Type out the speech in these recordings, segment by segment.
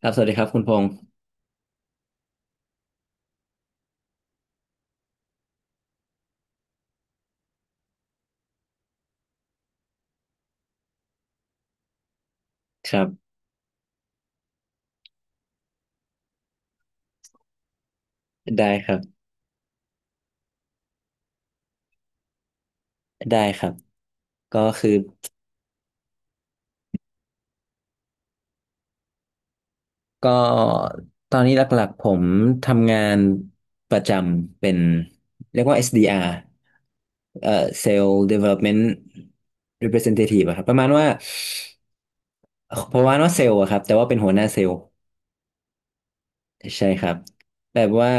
ครับสวัสดีครับคุณพงศ์ครับได้ครับได้ครับก็คือก็ตอนนี้หลักๆผมทำงานประจำเป็น เรียกว่า SDR เอ่อ Sales Development Representative อะครับประมาณว่าเซลล์อะครับแต่ว่าเป็นหัวหน้าเซลล์ ใช่ครับแบบว่า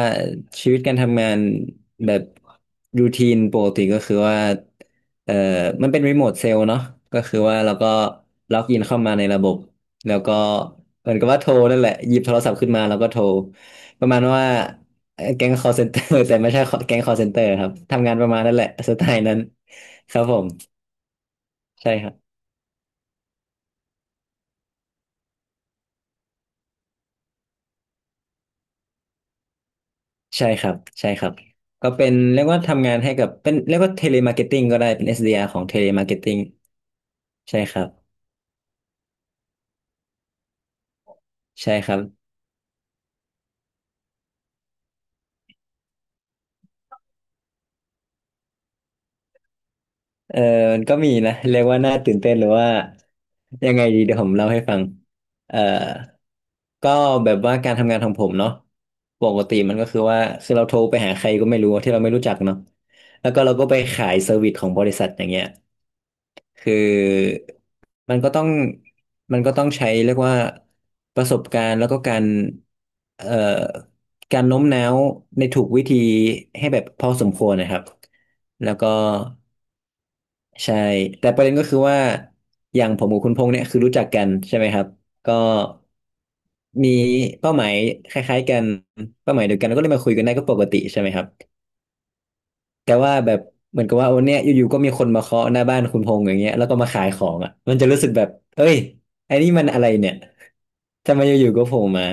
ชีวิตการทำงานแบบรูทีนปกติก็คือว่าเอ่อมันเป็นรีโมทเซลล์เนาะก็คือว่าเราก็ล็อกอินเข้ามาในระบบแล้วก็เหมือนกับว่าโทรนั่นแหละหยิบโทรศัพท์ขึ้นมาแล้วก็โทรประมาณว่าแก๊ง call center แต่ไม่ใช่แก๊ง call center ครับทำงานประมาณนั้นแหละสไตล์นั้นครับผมใช่ครับใช่ครับก็เป็นเรียกว่าทำงานให้กับเป็นเรียกว่าเทเลมาร์เก็ตติ้งก็ได้เป็นเอสดีอาร r ของเทเลมาร์เก็ตติ้ง ใช่ครับใช่ครับ เออมันก็มีนะเรียกว่าน่าตื่นเต้นหรือว่ายังไงดีเดี๋ยวผมเล่าให้ฟังเอ่อก็แบบว่าการทำงานของผมเนาะปกติมันก็คือว่าคือเราโทรไปหาใครก็ไม่รู้ที่เราไม่รู้จักเนาะแล้วก็เราก็ไปขายเซอร์วิสของบริษัทอย่างเงี้ยคือมันก็ต้องมันก็ต้องใช้เรียกว่าประสบการณ์แล้วก็การเอ่อการโน้มน้าวในถูกวิธีให้แบบพอสมควรนะครับแล้วก็ ใช่แต่ประเด็นก็คือว่าอย่างผมกับคุณพงษ์เนี่ยคือรู้จักกันใช่ไหมครับก็มีเป้าหมายคล้ายๆกันเป้าหมายเดียวกันก็เลยมาคุยกันได้ก็ปกติใช่ไหมครับ แต่ว่าแบบเหมือนกับว่าโอ้เนี่ยอยู่ๆก็มีคนมาเคาะหน้าบ้านคุณพงษ์อย่างเงี้ยแล้วก็มาขายของอ่ะมันจะรู้สึกแบบเอ้ยไอ้นี่มันอะไรเนี่ยทำไมอยู่ๆก็โผล่มา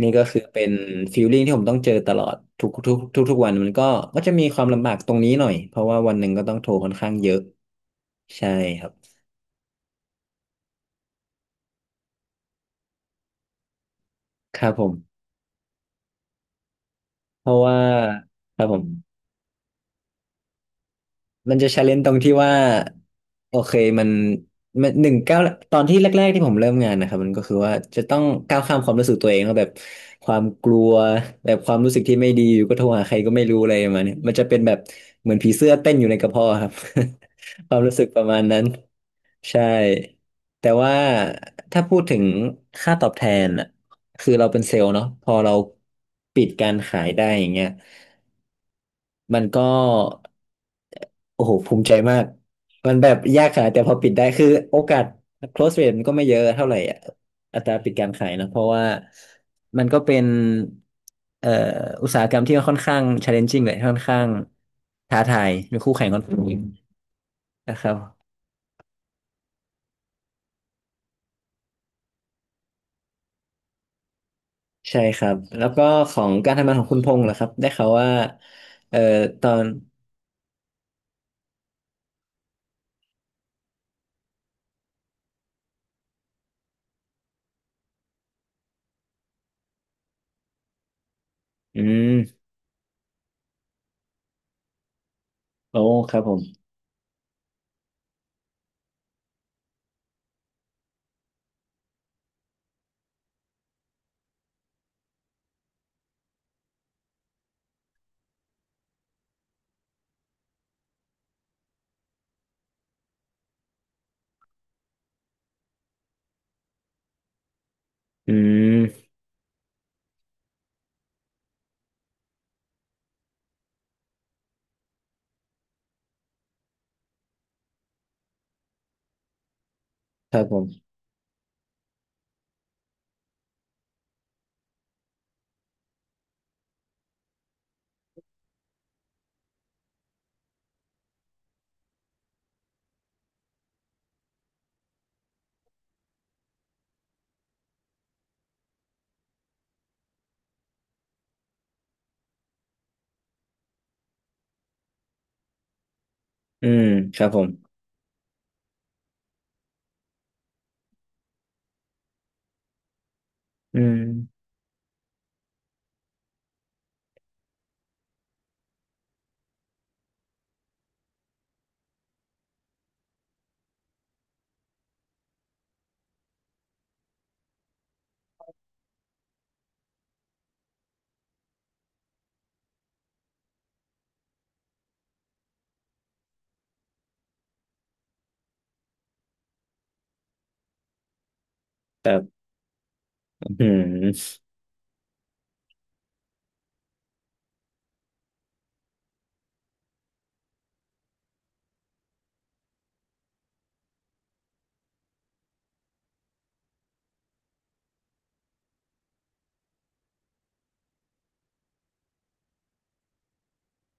นี่ก็คือเป็นฟีลลิ่งที่ผมต้องเจอตลอดทุกวันมันก็ก็จะมีความลำบากตรงนี้หน่อยเพราะว่าวันหนึ่งก็ต้องโทรค่อนข้างเยอะใช่ครับครับผมเพราะว่าครับผม มันจะ challenge ตรงที่ว่าโอเคมันมันหนึ่งก้าวตอนที่แรกๆที่ผมเริ่มงานนะครับมันก็คือว่าจะต้องก้าวข้ามความรู้สึกตัวเองว่าแบบความกลัวแบบความรู้สึกที่ไม่ดีอยู่ก็โทรหาใครก็ไม่รู้อะไรประมาณเนี้ยมันจะเป็นแบบเหมือนผีเสื้อเต้นอยู่ในกระเพาะครับ ความรู้สึกประมาณนั้นใช่แต่ว่าถ้าพูดถึงค่าตอบแทนอ่ะคือเราเป็นเซลล์เนาะพอเราปิดการขายได้อย่างเงี้ย มันก็โอ้โหภูมิใจมาก มันแบบยากขนาดแต่พอปิดได้คือโอกาส close rate มันก็ไม่เยอะเท่าไหร่อะอัตราปิดการขายนะเพราะว่ามันก็เป็นเอ่ออุตสาหกรรมที่ค่อนข้าง challenging เลยค่อนข้างท้าทายมีคู่แข่งค่อนข้างเยอะนะครับใช่ครับแล้วก็ของการทำงานของคุณพงษ์เหรอครับได้ข่าวว่าเอ่อตอนอืมโอ้ครับผมอืมครับผมอืมครับผมอืมครับ อืม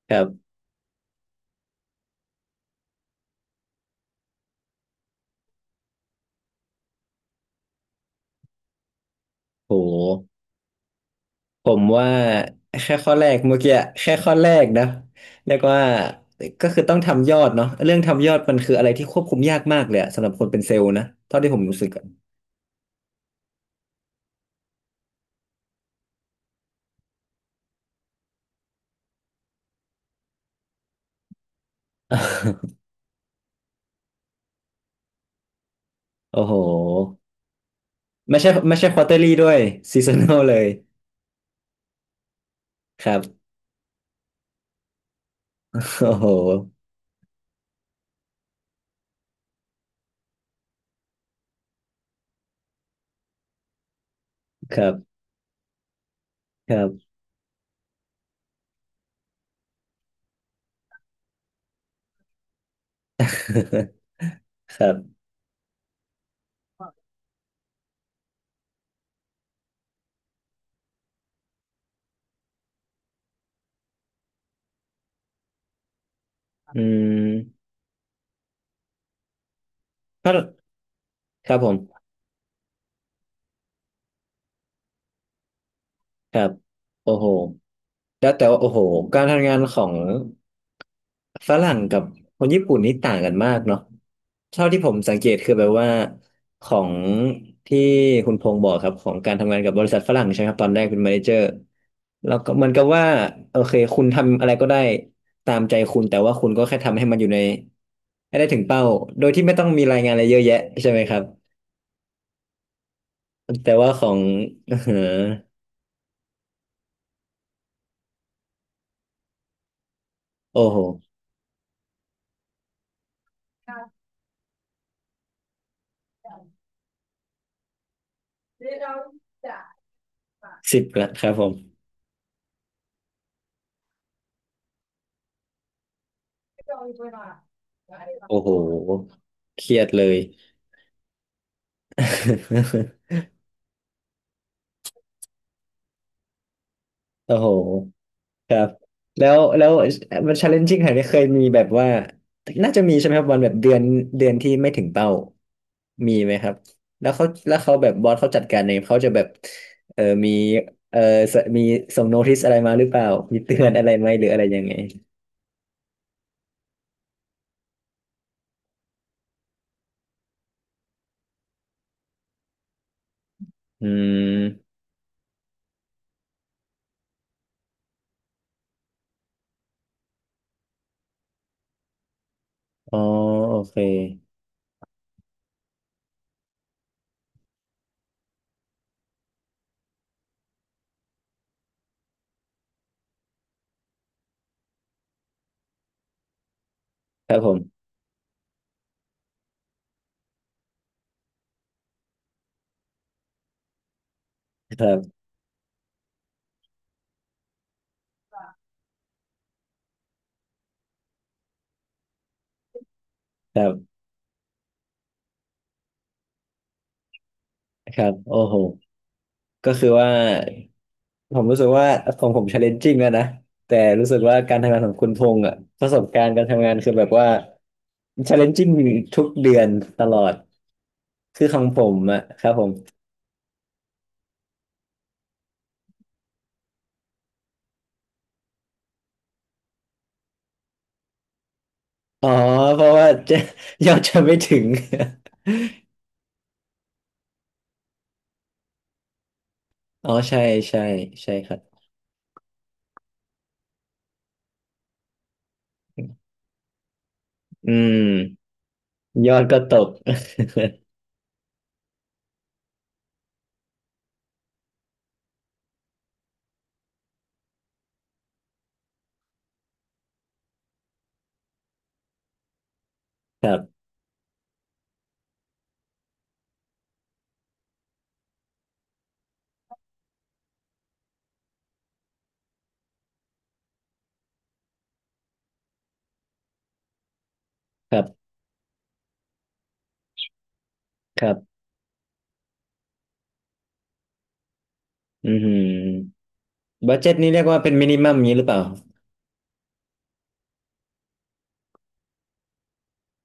ครับโหผมว่าแค่ข้อแรกเมื่อกี้แค่ข้อแรกนะเรียกว่าก็คือต้องทำยอดเนาะเรื่องทำยอดมันคืออะไรที่ควบคุมยากมากเลยอะสำหรับคนเป็นเซลล์นะเท่าที่ผมรู้สึกอะ โอ้โหไม่ใช่ควอเตอรี่ด้วยซีซันอลเลยครับโอ้โหครับครับ ครับอืมก็ครับผม ครับโอ้โหแล้วแต่ว่าโอ้โหการทำงานของฝรั่งกับคนญี่ปุ่นนี่ต่างกันมากเนาะเท่าที่ผมสังเกตคือแบบว่าของที่คุณพงษ์บอกครับของการทำงานกับบริษัทฝรั่งใช่ไหมครับตอนแรกเป็นแมเนเจอร์แล้วก็เหมือนกับว่าโอเคคุณทำอะไรก็ได้ตามใจคุณแต่ว่าคุณก็แค่ทำให้มันอยู่ในให้ได้ถึงเป้าโดยที่ไม่ต้องมีรายงานอะไรเยอะแยะใช่ไหมครับแต่ว่าของ เออโอ้โหสิบละครับผม โอ้โหเครียดเลย โอ้โหครับแล้วแล้วมัน challenging ขนาดนี้เคยมีแบบว่าน่าจะมีใช่ไหมครับวันแบบเดือนที่ไม่ถึงเป้ามีไหมครับแล้วเขาแบบบอสเขาจัดการเองเขาจะแบบเออมีเออสมีส่งโนติสอะไรมาหรือเปล่ามีเตือนอะไรไหมหรืออะไรยังไงอืมอ๋อโอเคครับผมครับครับครับโอ้โหก็คือว่า ผมรู้สึกว่าของผม challenging แล้วนะแต่รู้สึกว่าการทำงานของคุณพงษ์อ่ะประสบการณ์การทำงานคือแบบว่า challenging ทุกเดือนตลอดคือของผมอ่ะครับผมอ๋อเพราะว่า จะยอดจะไม่ถึงอ๋อใช่ใช่ใช่ครับอืมยอดก็ตก ครับครับครับอือหือบัดเจ็ตนี่เรียกว่าเป็นมินิมัมนี้หรือเปล่า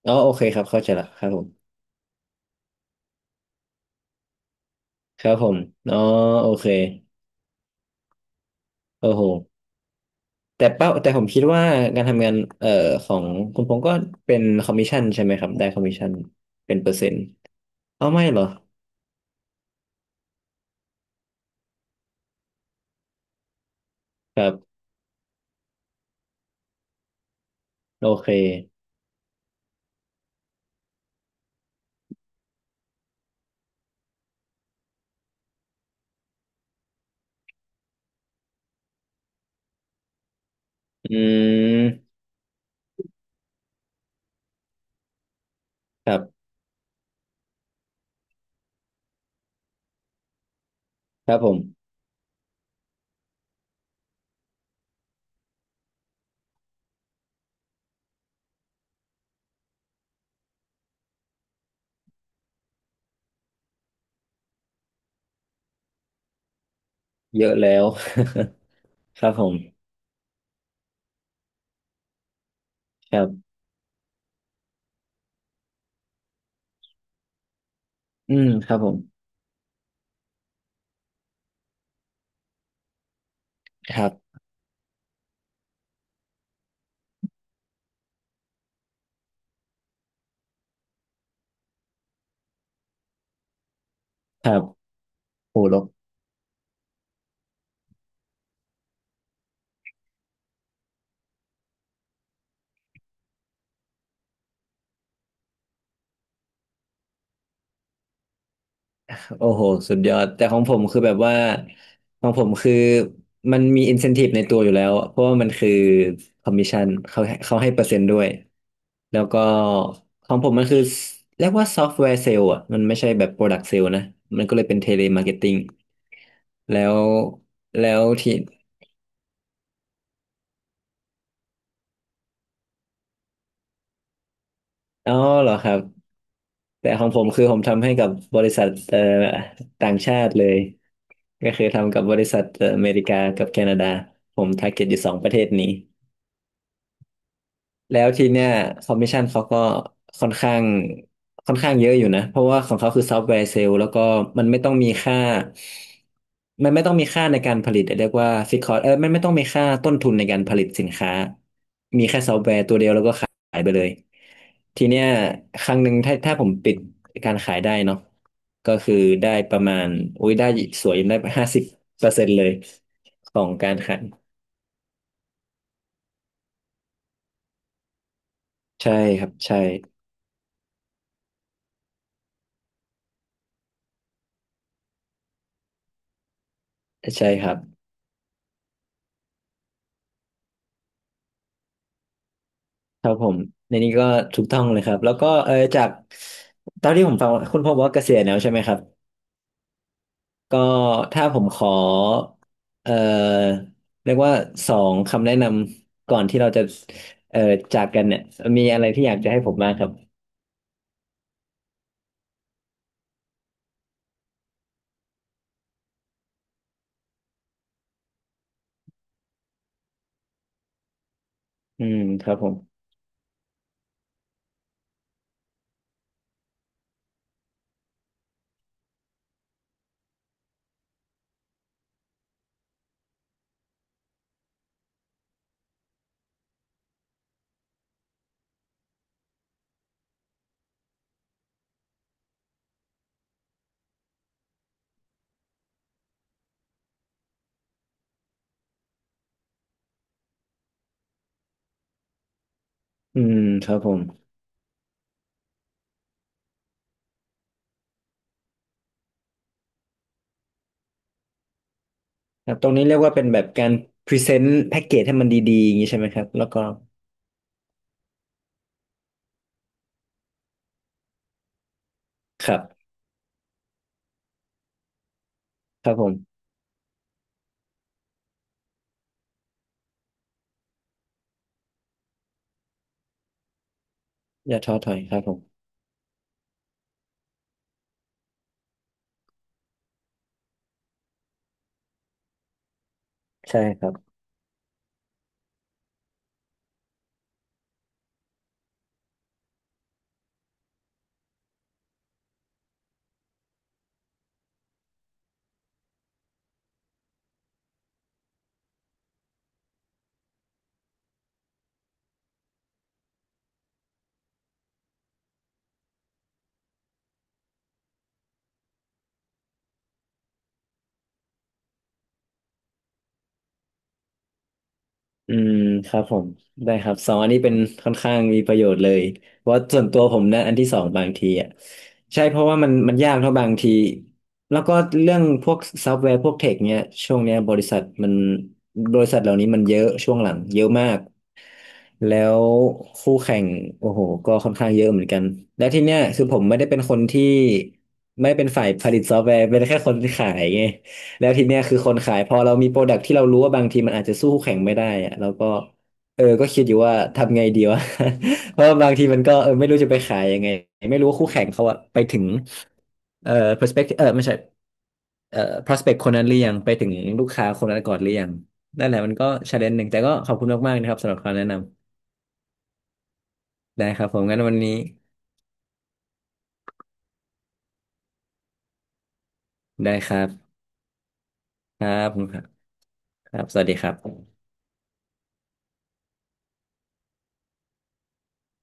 อ๋อโอเคครับเข้าใจละครับผมครับผมอ๋อโอเคโอ้โห แต่เป้าแต่ผมคิดว่าการทำงานของคุณพงษ์ก็เป็นคอมมิชชั่นใช่ไหมครับได้คอมมิชชั่นเป็นเปอร์เซ็นต์เอาไม่เหรอครับโอเคอืมครับครับผมเยอะแล้ว ครับผมครับอืมครับผมครับครับโอ้โห โอ้โหสุดยอดแต่ของผมคือแบบว่าของผมคือมันมี incentive ในตัวอยู่แล้วเพราะว่ามันคือ commission เขาเขาให้เปอร์เซ็นต์ด้วยแล้วก็ของผมมันคือเรียกว่าซอฟต์แวร์เซลล์อ่ะมันไม่ใช่แบบ product sale นะมันก็เลยเป็นเทเลมาร์เก็ตติ้งแล้วแล้วที่อ๋อเหรอครับแต่ของผมคือผมทำให้กับบริษัทต่างชาติเลยก็คือทำกับบริษัทอเมริกากับแคนาดาผม target อยู่สองประเทศนี้ แล้วทีเนี้ยคอมมิชชั่นเขาก็ค่อนข้างค่อนข้างเยอะอยู่นะเพราะว่าของเขาคือซอฟต์แวร์เซลล์แล้วก็มันไม่ต้องมีค่ามันไม่ต้องมีค่าในการผลิตเรียกว่าฟิกคอสเออมันไม่ต้องมีค่าต้นทุนในการผลิตสินค้ามีแค่ซอฟต์แวร์ตัวเดียวแล้วก็ขายไปเลยทีเนี้ยครั้งหนึ่งถ้าถ้าผมปิดการขายได้เนาะก็คือได้ประมาณอุ้ยได้สวยได้50%เลยของการขายใช่ครับใช่ใช่ครับ ครับผมในนี้ก็ถูกต้องเลยครับแล้วก็เออจากตอนที่ผมฟังคุณพ่อบอกว่าเกษียณแล้วใช่ไหมครับก็ถ้าผมขอเออเรียกว่าสองคำแนะนำก่อนที่เราจะเออจากกันเนี่ยมีอะไรที่อยากจะให้ผมบ้างครับอืมครับผมอืมครับผมครับตรงนี้เรียกว่าเป็นแบบการพรีเซนต์แพ็กเกจให้มันดีๆอย่างนี้ใช่ไหมครับแล้วก็ครับครับผมอย่าท้อถอยครับผมใช่ครับ อืมครับผมได้ครับสองอันนี้เป็นค่อนข้างมีประโยชน์เลยเพราะส่วนตัวผมนะอันที่สองบางทีอ่ะใช่เพราะว่ามันยากเท่าะบางทีแล้วก็เรื่องพวกซอฟต์แวร์พวกเทคเนี้ยช่วงเนี้ยบริษัทมันบริษัทเหล่านี้มันเยอะช่วงหลังเยอะมาก แล้วคู่แข่งโอ้โหก็ค่อนข้างเยอะเหมือนกันแล้วที่เนี้ยคือผมไม่ได้เป็นคนที่ไม่ได้เป็นฝ่ายผลิตซอฟต์แวร์เป็นแค่คนขายไงแล้วทีเนี้ยคือคนขายพอเรามีโปรดักที่เรารู้ว่าบางทีมันอาจจะสู้คู่แข่งไม่ได้อะเราก็เออก็คิดอยู่ว่าทำไงดีวะ เพราะว่าบางทีมันก็เออไม่รู้จะไปขายยังไงไม่รู้ว่าคู่แข่งเขาอะไปถึงเอ่อ perspective เออไม่ใช่เอ่อ prospect คนนั้นหรือยังไปถึงลูกค้าคนนั้นก่อนหรือยังนั่นแหละมันก็ challenge หนึ่งแต่ก็ขอบคุณมากๆนะครับสำหรับคำแนะนำ ได้ครับผมงั้นวันนี้ได้ครับครับผมครับครับสวัสดีครับ